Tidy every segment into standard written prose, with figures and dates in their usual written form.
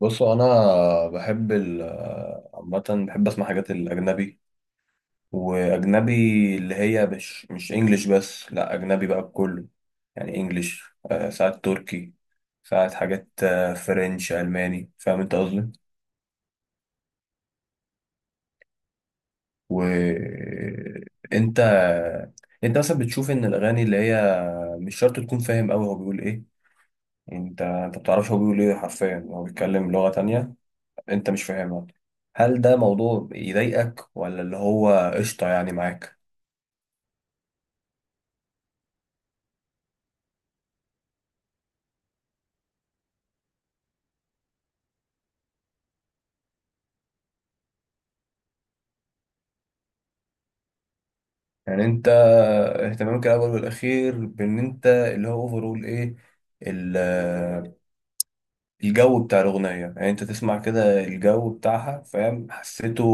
بصوا، انا بحب ال عامه بحب اسمع حاجات الاجنبي واجنبي اللي هي مش انجليش، بس لا اجنبي بقى بكله، يعني انجليش. آه، ساعات تركي، ساعات حاجات، آه، فرنش، الماني. فاهم انت قصدي؟ وانت، انت مثلا بتشوف ان الاغاني اللي هي مش شرط تكون فاهم قوي هو بيقول ايه، يعني انت بتعرفش هو بيقول ايه حرفيا؟ هو بيتكلم لغة تانية انت مش فاهمها. هل ده موضوع يضايقك ولا اللي هو قشطة يعني معاك؟ يعني انت اهتمامك الاول والاخير بان انت اللي هو اوفرول ايه ال- الجو بتاع الاغنية، يعني انت تسمع كده الجو بتاعها، فاهم، حسيته،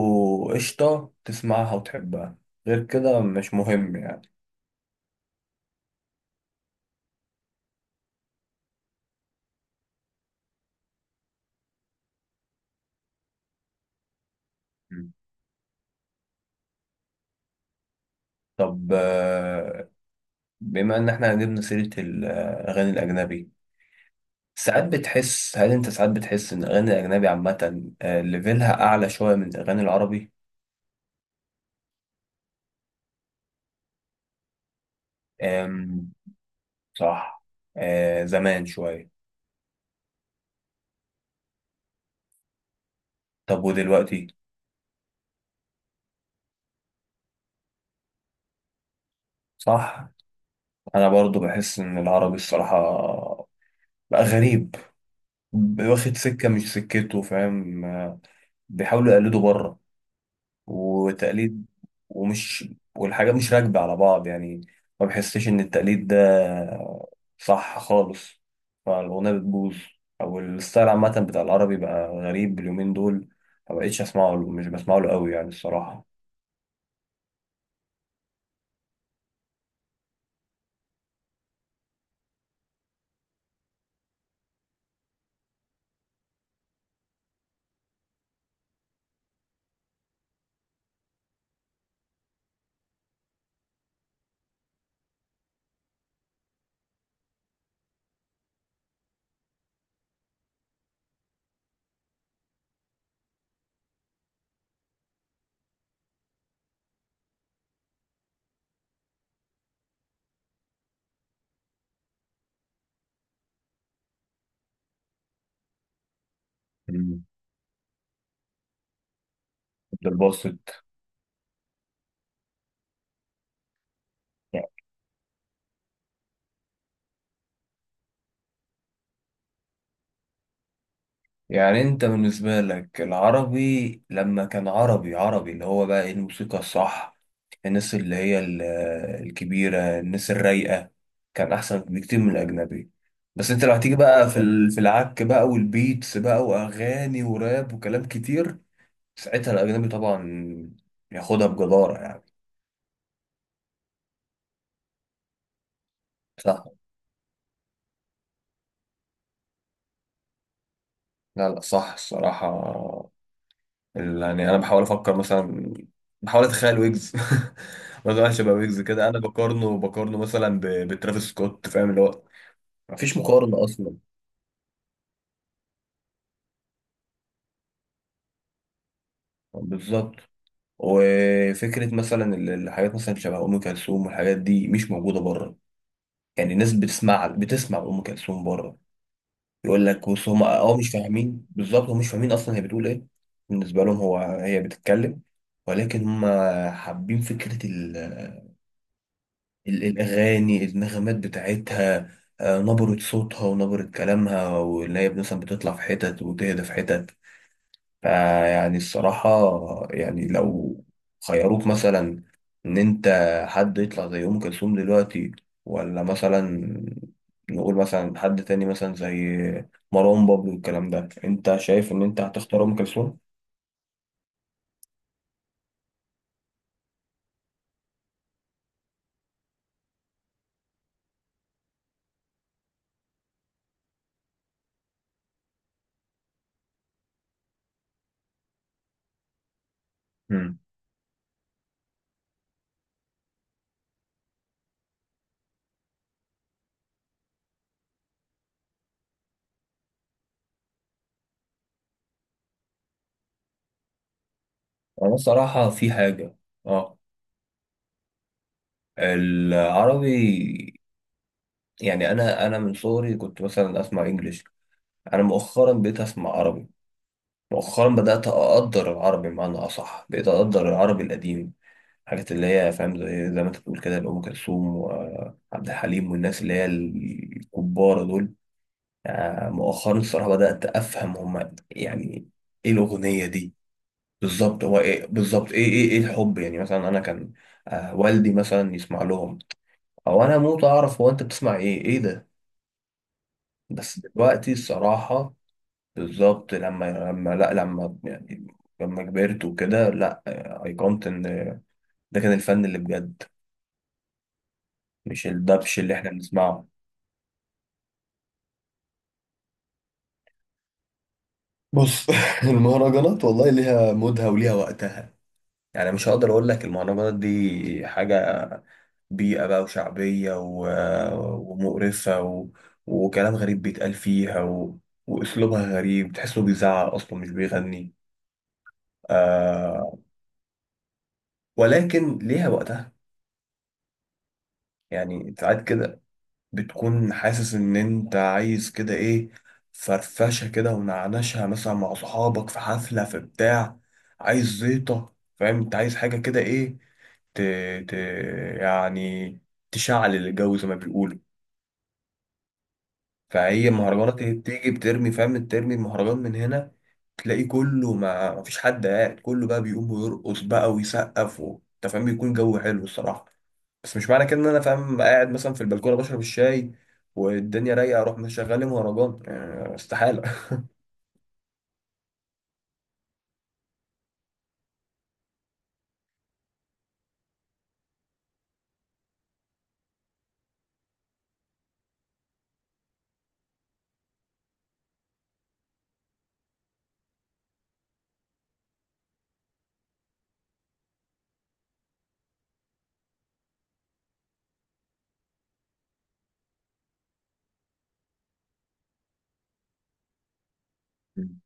قشطة، تسمعها وتحبها، غير كده مش مهم يعني. مم. طب، بما ان احنا جبنا سيرة الاغاني الاجنبي، ساعات بتحس، هل انت ساعات بتحس ان الاغاني الاجنبي عامه، آه، ليفلها اعلى شويه من الاغاني العربي؟ آم، صح. آه، زمان شويه. طب ودلوقتي؟ صح، انا برضو بحس ان العربي الصراحه بقى غريب، واخد سكه مش سكته، فاهم؟ آه، بيحاولوا يقلدوا بره، وتقليد، ومش والحاجات مش راكبة على بعض يعني، ما بحسش إن التقليد ده صح خالص، فالأغنية بتبوظ، أو الستايل عامة بتاع العربي بقى غريب اليومين دول، ما بقتش أسمعه، مش بسمعه له قوي يعني الصراحة. مم. عبد الباسط. يعني أنت بالنسبة لك العربي لما كان عربي عربي اللي هو بقى إيه الموسيقى الصح، الناس اللي هي الكبيرة، الناس الرايقة، كان أحسن بكتير من الأجنبي. بس أنت لو هتيجي بقى في في العك بقى والبيتس بقى وأغاني وراب وكلام كتير، ساعتها الأجنبي طبعا ياخدها بجدارة يعني. صح. لا لا، صح الصراحة. ال-، يعني أنا بحاول أفكر مثلا، بحاول أتخيل ويجز، مثلا شبه ويجز كده أنا بقارنه مثلا ب- بترافيس سكوت، فاهم اللي هو مفيش مقارنة أصلا. بالظبط. وفكره مثلا الحاجات مثلا شبه ام كلثوم والحاجات دي مش موجوده بره، يعني الناس بتسمع، ام كلثوم بره، يقول لك بص، هم اه مش فاهمين بالظبط، هم مش فاهمين اصلا هي بتقول ايه، بالنسبه لهم هو هي بتتكلم، ولكن هم حابين فكره ال- الأغاني، النغمات بتاعتها، آه، نبرة صوتها ونبرة كلامها واللي هي مثلا بتطلع في حتت وتهدى في حتت. فيعني الصراحة، يعني لو خيروك مثلا إن أنت حد يطلع زي أم كلثوم دلوقتي، ولا مثلا نقول مثلا حد تاني مثلا زي مروان بابلو والكلام ده، أنت شايف إن أنت هتختار أم كلثوم؟ مم. أنا الصراحة في حاجة. أه، العربي، يعني أنا من صغري كنت مثلا أسمع إنجليش، أنا مؤخرا بقيت أسمع عربي، مؤخرا بدأت أقدر العربي، بمعنى أصح بقيت أقدر العربي القديم، حاجات اللي هي فاهم زي، ما انت بتقول كده، لأم كلثوم وعبد الحليم والناس اللي هي الكبار دول. آه، مؤخرا الصراحة بدأت أفهم هما يعني إيه الأغنية دي. بالظبط، هو إيه بالظبط، إيه إيه إيه الحب، يعني مثلا أنا كان، آه، والدي مثلا يسمع لهم، أو أنا موت أعرف هو أنت بتسمع إيه، إيه ده. بس دلوقتي الصراحة بالظبط، لما لا، لما يعني لما كبرت وكده، لا، آه، أيقنت إن ده كان الفن اللي بجد، مش الدبش اللي إحنا بنسمعه. بص، المهرجانات والله ليها مودها وليها وقتها، يعني مش هقدر اقول لك المهرجانات دي حاجة بيئة بقى وشعبية و... ومقرفة و... وكلام غريب بيتقال فيها و... واسلوبها غريب، تحسه بيزعق اصلا مش بيغني. آه... ولكن ليها وقتها، يعني ساعات كده بتكون حاسس ان انت عايز كده ايه، فرفشه كده ونعنشها مثلا مع صحابك في حفله في بتاع، عايز زيطه، فاهم، انت عايز حاجه كده ايه، ت... ت... يعني تشعل الجو زي ما بيقولوا. فهي مهرجانات، هي بتيجي بترمي، فاهم، ترمي المهرجان من هنا، تلاقي كله ما مفيش حد قاعد، كله بقى بيقوم ويرقص بقى ويسقف و... انت فاهم، بيكون جو حلو الصراحه. بس مش معنى كده ان انا فاهم قاعد مثلا في البلكونه بشرب الشاي والدنيا رايقه اروح مشغل لي مهرجان، آه، استحاله. مم.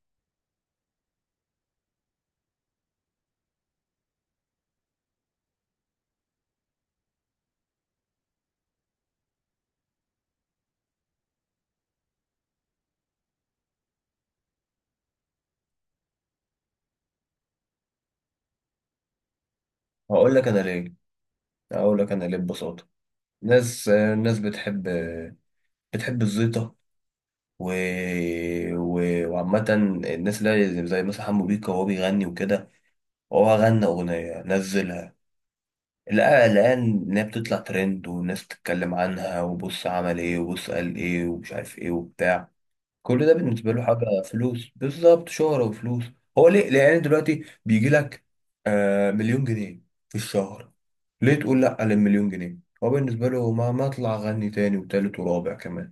هقول لك انا ليه، هقول لك انا ليه ببساطه. الناس بتحب، الزيطه و... و... وعامه، الناس اللي هي زي، زي مثلا حمو بيكا وهو بيغني وكده، هو غنى اغنيه نزلها، لقى الان ان هي بتطلع ترند والناس بتتكلم عنها، وبص عمل ايه وبص قال ايه ومش عارف ايه وبتاع، كل ده بالنسبه له حاجه فلوس، بالظبط شهره وفلوس. هو ليه؟ لان دلوقتي بيجي لك، آه، مليون جنيه في الشهر، ليه تقول لا للمليون جنيه؟ هو بالنسبه له ما ما اطلع اغني تاني وتالت ورابع كمان،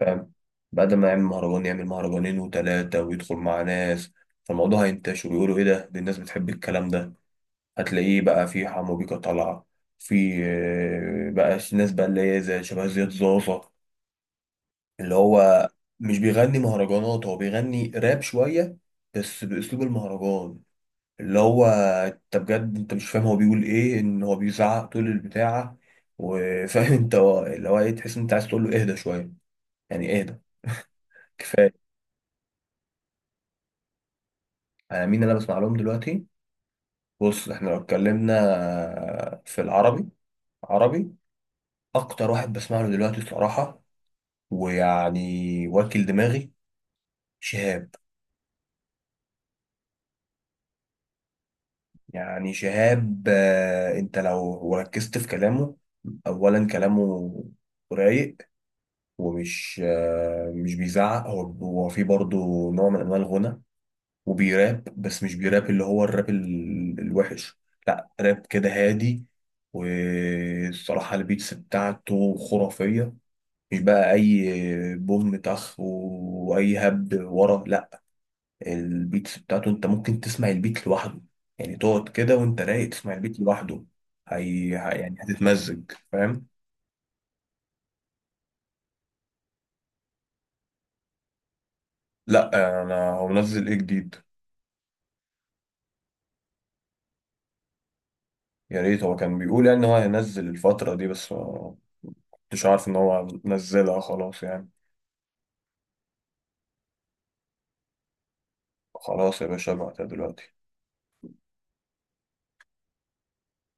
فاهم، بعد ما يعمل مهرجان يعمل مهرجانين وتلاته ويدخل مع ناس، فالموضوع هينتشر ويقولوا ايه ده، دي الناس بتحب الكلام ده. هتلاقيه بقى في حمو بيكا طالعه، في آه، بقى ناس بقى اللي هي زي شبه زياد زازا، اللي هو مش بيغني مهرجانات، هو بيغني راب شوية بس بأسلوب المهرجان، اللي هو انت بجد انت مش فاهم هو بيقول ايه، ان هو بيزعق طول البتاعة، وفاهم انت اللي هو ايه، تحس ان انت عايز تقول له اهدى شوية، يعني اهدى كفاية. انا مين اللي انا بسمع لهم دلوقتي؟ بص، احنا لو اتكلمنا في العربي، عربي، اكتر واحد بسمع له دلوقتي الصراحة ويعني واكل دماغي، شهاب. يعني شهاب، آه، انت لو ركزت في كلامه، اولا كلامه رايق ومش، آه، مش بيزعق، هو في برضه نوع من انواع الغنى وبيراب، بس مش بيراب اللي هو الراب الوحش، لا راب كده هادي. والصراحة البيتس بتاعته خرافية، مش بقى اي بوم طخ واي هبد ورا، لا، البيتس بتاعته انت ممكن تسمع البيت لوحده، يعني تقعد كده وانت رايق تسمع البيت لوحده، يعني هتتمزج، فاهم. لا انا، هو منزل ايه جديد؟ يا ريت، هو كان بيقول يعني ان هو هينزل الفترة دي بس ما كنتش عارف ان هو نزلها خلاص يعني. خلاص يا باشا، ابعتها دلوقتي.